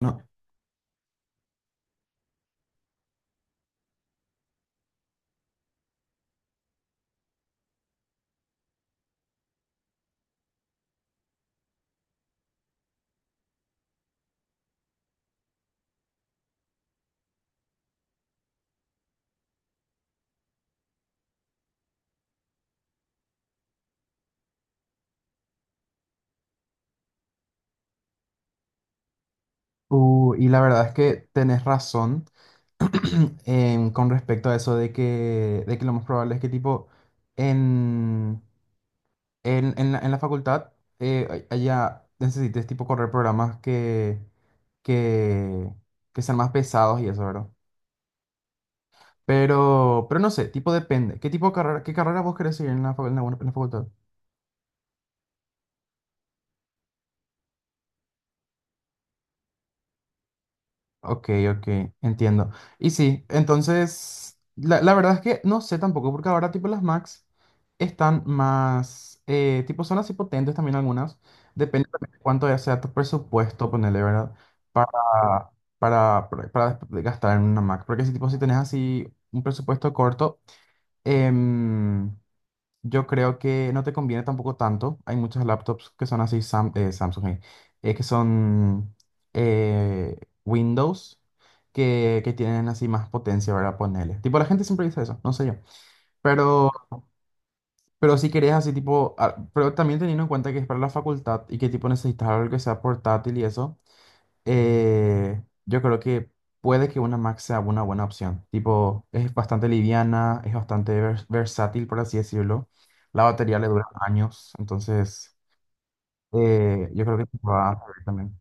No, y la verdad es que tenés razón. Con respecto a eso de que lo más probable es que tipo en, en la facultad allá necesites tipo correr programas que, que sean más pesados y eso, ¿verdad? Pero no sé, tipo depende. ¿Qué tipo de carrera, qué carrera vos querés seguir en la, fa- en la facultad? Ok, ok, entiendo. Y sí, entonces, la verdad es que no sé tampoco, porque ahora tipo las Macs están más, tipo son así potentes también algunas, depende también de cuánto ya sea tu presupuesto, ponerle, ¿verdad? Para, para gastar en una Mac, porque si tipo si tenés así un presupuesto corto, em, yo creo que no te conviene tampoco tanto. Hay muchas laptops que son así, Samsung, que son eh, Windows, que tienen así más potencia, ¿verdad? Ponerle. Tipo, la gente siempre dice eso, no sé yo. Pero, pero si querés así, tipo, ah, pero también teniendo en cuenta que es para la facultad y que tipo necesitas algo que sea portátil y eso, yo creo que puede que una Mac sea una buena opción. Tipo, es bastante liviana, es bastante versátil, por así decirlo. La batería le dura años, entonces yo creo que te va a servir también.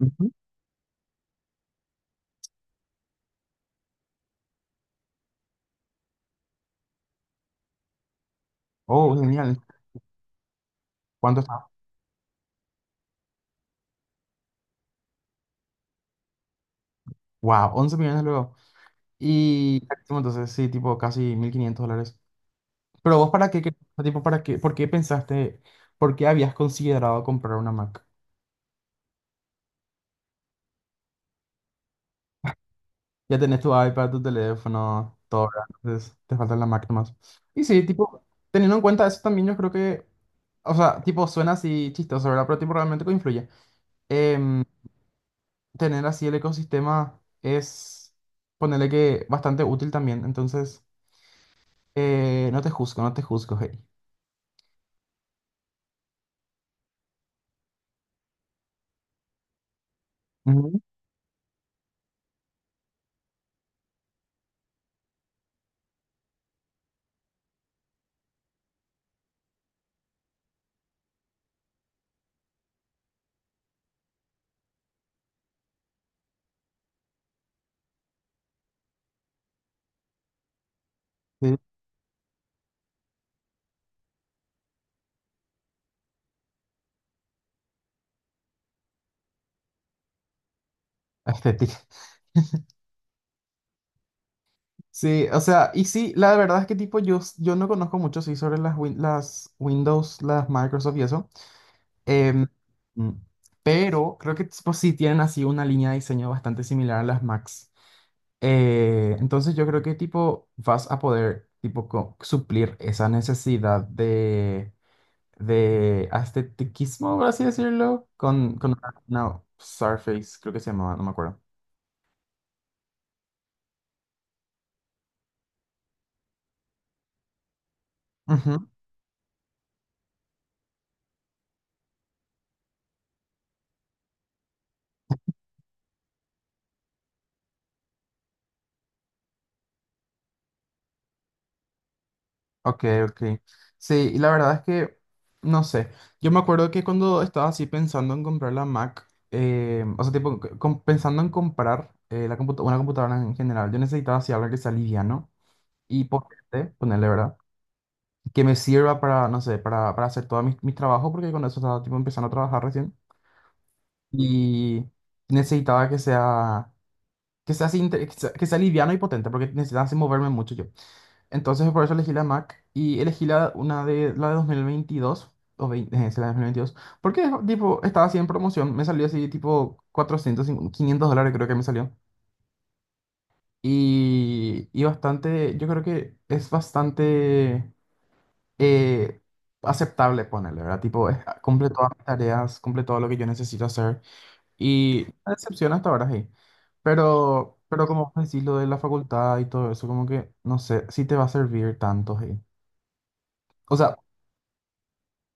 Ujú. Oh, genial. ¿Cuánto está? Wow, 11 millones luego. Y carísimo, entonces sí, tipo casi $1,500. Pero vos para qué, tipo, para qué, ¿por qué pensaste, por qué habías considerado comprar una Mac? Ya tenés tu iPad, tu teléfono, todo, ¿verdad? Entonces te faltan las máquinas. Y sí, tipo, teniendo en cuenta eso también, yo creo que, o sea, tipo, suena así chistoso, ¿verdad? Pero tipo, realmente que influye. Em, tener así el ecosistema es, ponerle que, bastante útil también. Entonces, no te juzgo, no te juzgo, hey. Ujú. Sí, estética. Sí, o sea, y sí, la verdad es que tipo, yo no conozco mucho, sí, sobre las Windows, las Microsoft y eso. Em, mm, pero creo que tipo, sí tienen así una línea de diseño bastante similar a las Macs. Entonces yo creo que tipo vas a poder tipo suplir esa necesidad de estetiquismo, por así decirlo, con una Surface, creo que se llamaba, no me acuerdo. Ok, ok. Sí, y la verdad es que, no sé, yo me acuerdo que cuando estaba así pensando en comprar la Mac, o sea, tipo, pensando en comprar una computadora en general, yo necesitaba así algo que sea liviano y potente, ponerle, ¿verdad? Que me sirva para, no sé, para hacer todos mis trabajos, porque con eso estaba tipo empezando a trabajar recién. Y necesitaba que sea así, que sea liviano y potente, porque necesitaba así moverme mucho yo. Entonces por eso elegí la Mac y elegí una de la de 2022, o 20, sí, la de 2022, porque tipo estaba así en promoción, me salió así tipo 400, $500 creo que me salió. Y bastante, yo creo que es bastante eh, aceptable ponerle, ¿verdad? Tipo, ah, cumple todas mis tareas, cumple todo lo que yo necesito hacer. Y una decepción hasta ahora, sí. Pero como vos decís, lo de la facultad y todo eso, como que no sé si te va a servir tanto, sí. O sea,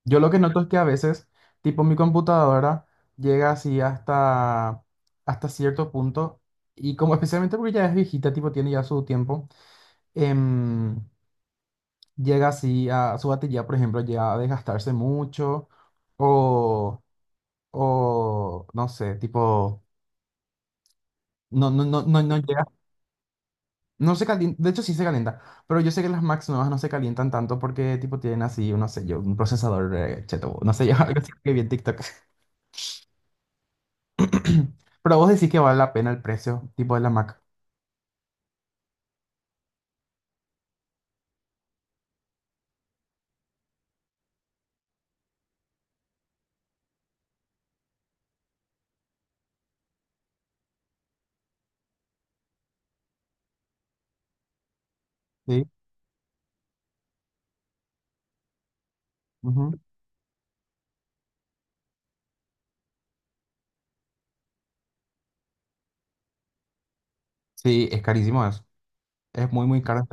yo lo que noto es que a veces, tipo mi computadora llega así hasta cierto punto, y como especialmente porque ya es viejita, tipo tiene ya su tiempo, em, llega así a su batería, por ejemplo, llega a desgastarse mucho, o, o no sé, tipo, no, no, no, no, no llega, no se calienta, de hecho sí se calienta, pero yo sé que las Macs nuevas no se calientan tanto porque tipo tienen así, no sé yo, un procesador cheto, no sé yo, algo así que vi en TikTok. Pero vos decís que vale la pena el precio, tipo de la Mac. Sí, ujú. Sí, es carísimo eso. Es muy, muy caro.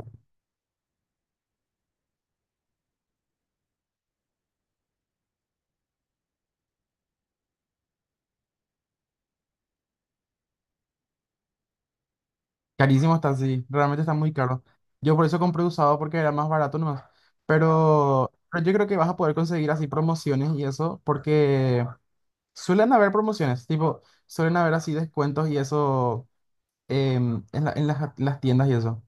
Carísimo está, sí. Realmente está muy caro. Yo por eso compré usado porque era más barato nomás. Pero yo creo que vas a poder conseguir así promociones y eso, porque suelen haber promociones, tipo, suelen haber así descuentos y eso, en las tiendas y eso.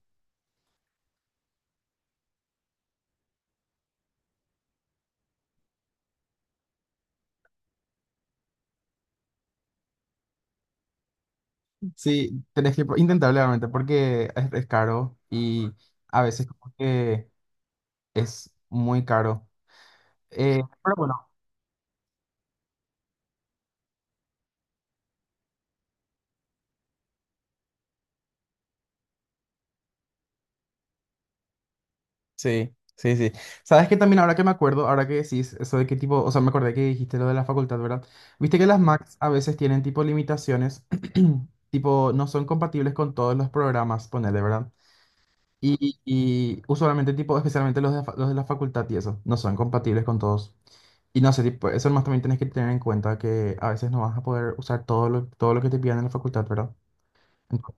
Sí, tenés que intentar realmente porque es caro y a veces como que es muy caro. Pero bueno. Sí, sí, sí. ¿Sabes que también ahora que me acuerdo, ahora que decís eso de qué tipo, o sea, me acordé que dijiste lo de la facultad, verdad? Viste que las Macs a veces tienen tipo limitaciones, tipo no son compatibles con todos los programas, ponele, ¿verdad? Y usualmente tipo, especialmente los de la facultad y eso, no son compatibles con todos. Y no sé, tipo, eso nomás también tienes que tener en cuenta que a veces no vas a poder usar todo lo que te pidan en la facultad, ¿verdad? Entonces.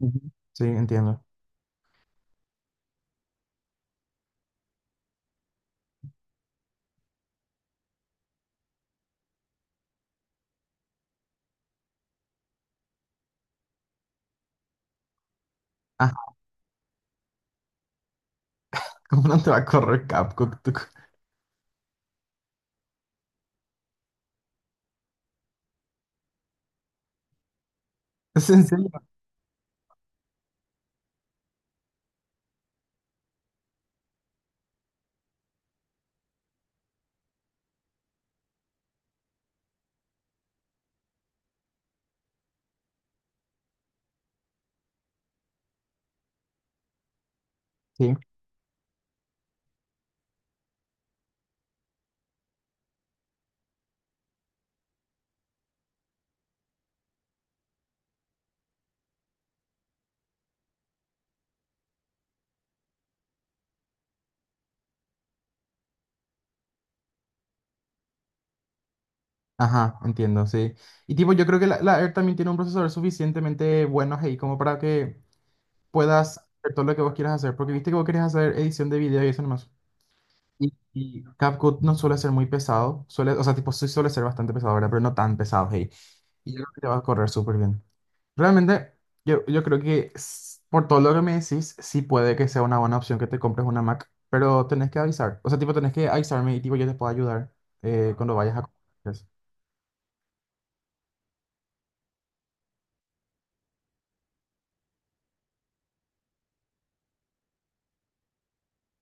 Ujú. Sí, entiendo. Ah, ¿cómo no te va a correr CapCut? ¿Es en serio? Sí, ajá, entiendo, sí. Y tipo, yo creo que la Air también tiene un procesador suficientemente bueno ahí como para que puedas hacer todo lo que vos quieras hacer, porque viste que vos querés hacer edición de video y eso nomás. Y CapCut no suele ser muy pesado, suele, o sea, tipo, sí suele ser bastante pesado, ¿verdad? Pero no tan pesado, hey. Y yo creo que te va a correr súper bien. Realmente, yo creo que por todo lo que me decís, sí puede que sea una buena opción que te compres una Mac, pero tenés que avisar, o sea, tipo, tenés que avisarme y tipo, yo te puedo ayudar, cuando vayas a comprar.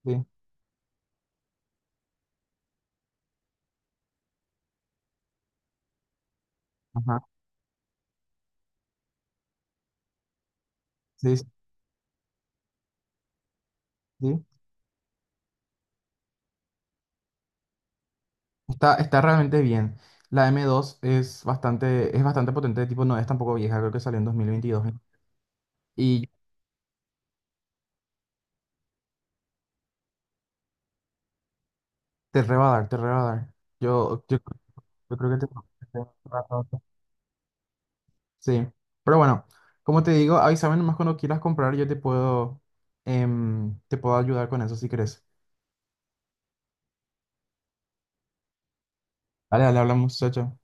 Sí. Ajá. Sí, sí, sí. Está realmente bien. La M2 es bastante potente, tipo, no es tampoco vieja, creo que salió en 2022. ¿Eh? Y te re va a dar, te re va a dar. Yo, yo, yo creo que te te va a dar. Sí, pero bueno, como te digo, avísame nomás cuando quieras comprar, yo te puedo, em, te puedo ayudar con eso si querés. Dale, dale, hablamos, chao, chao.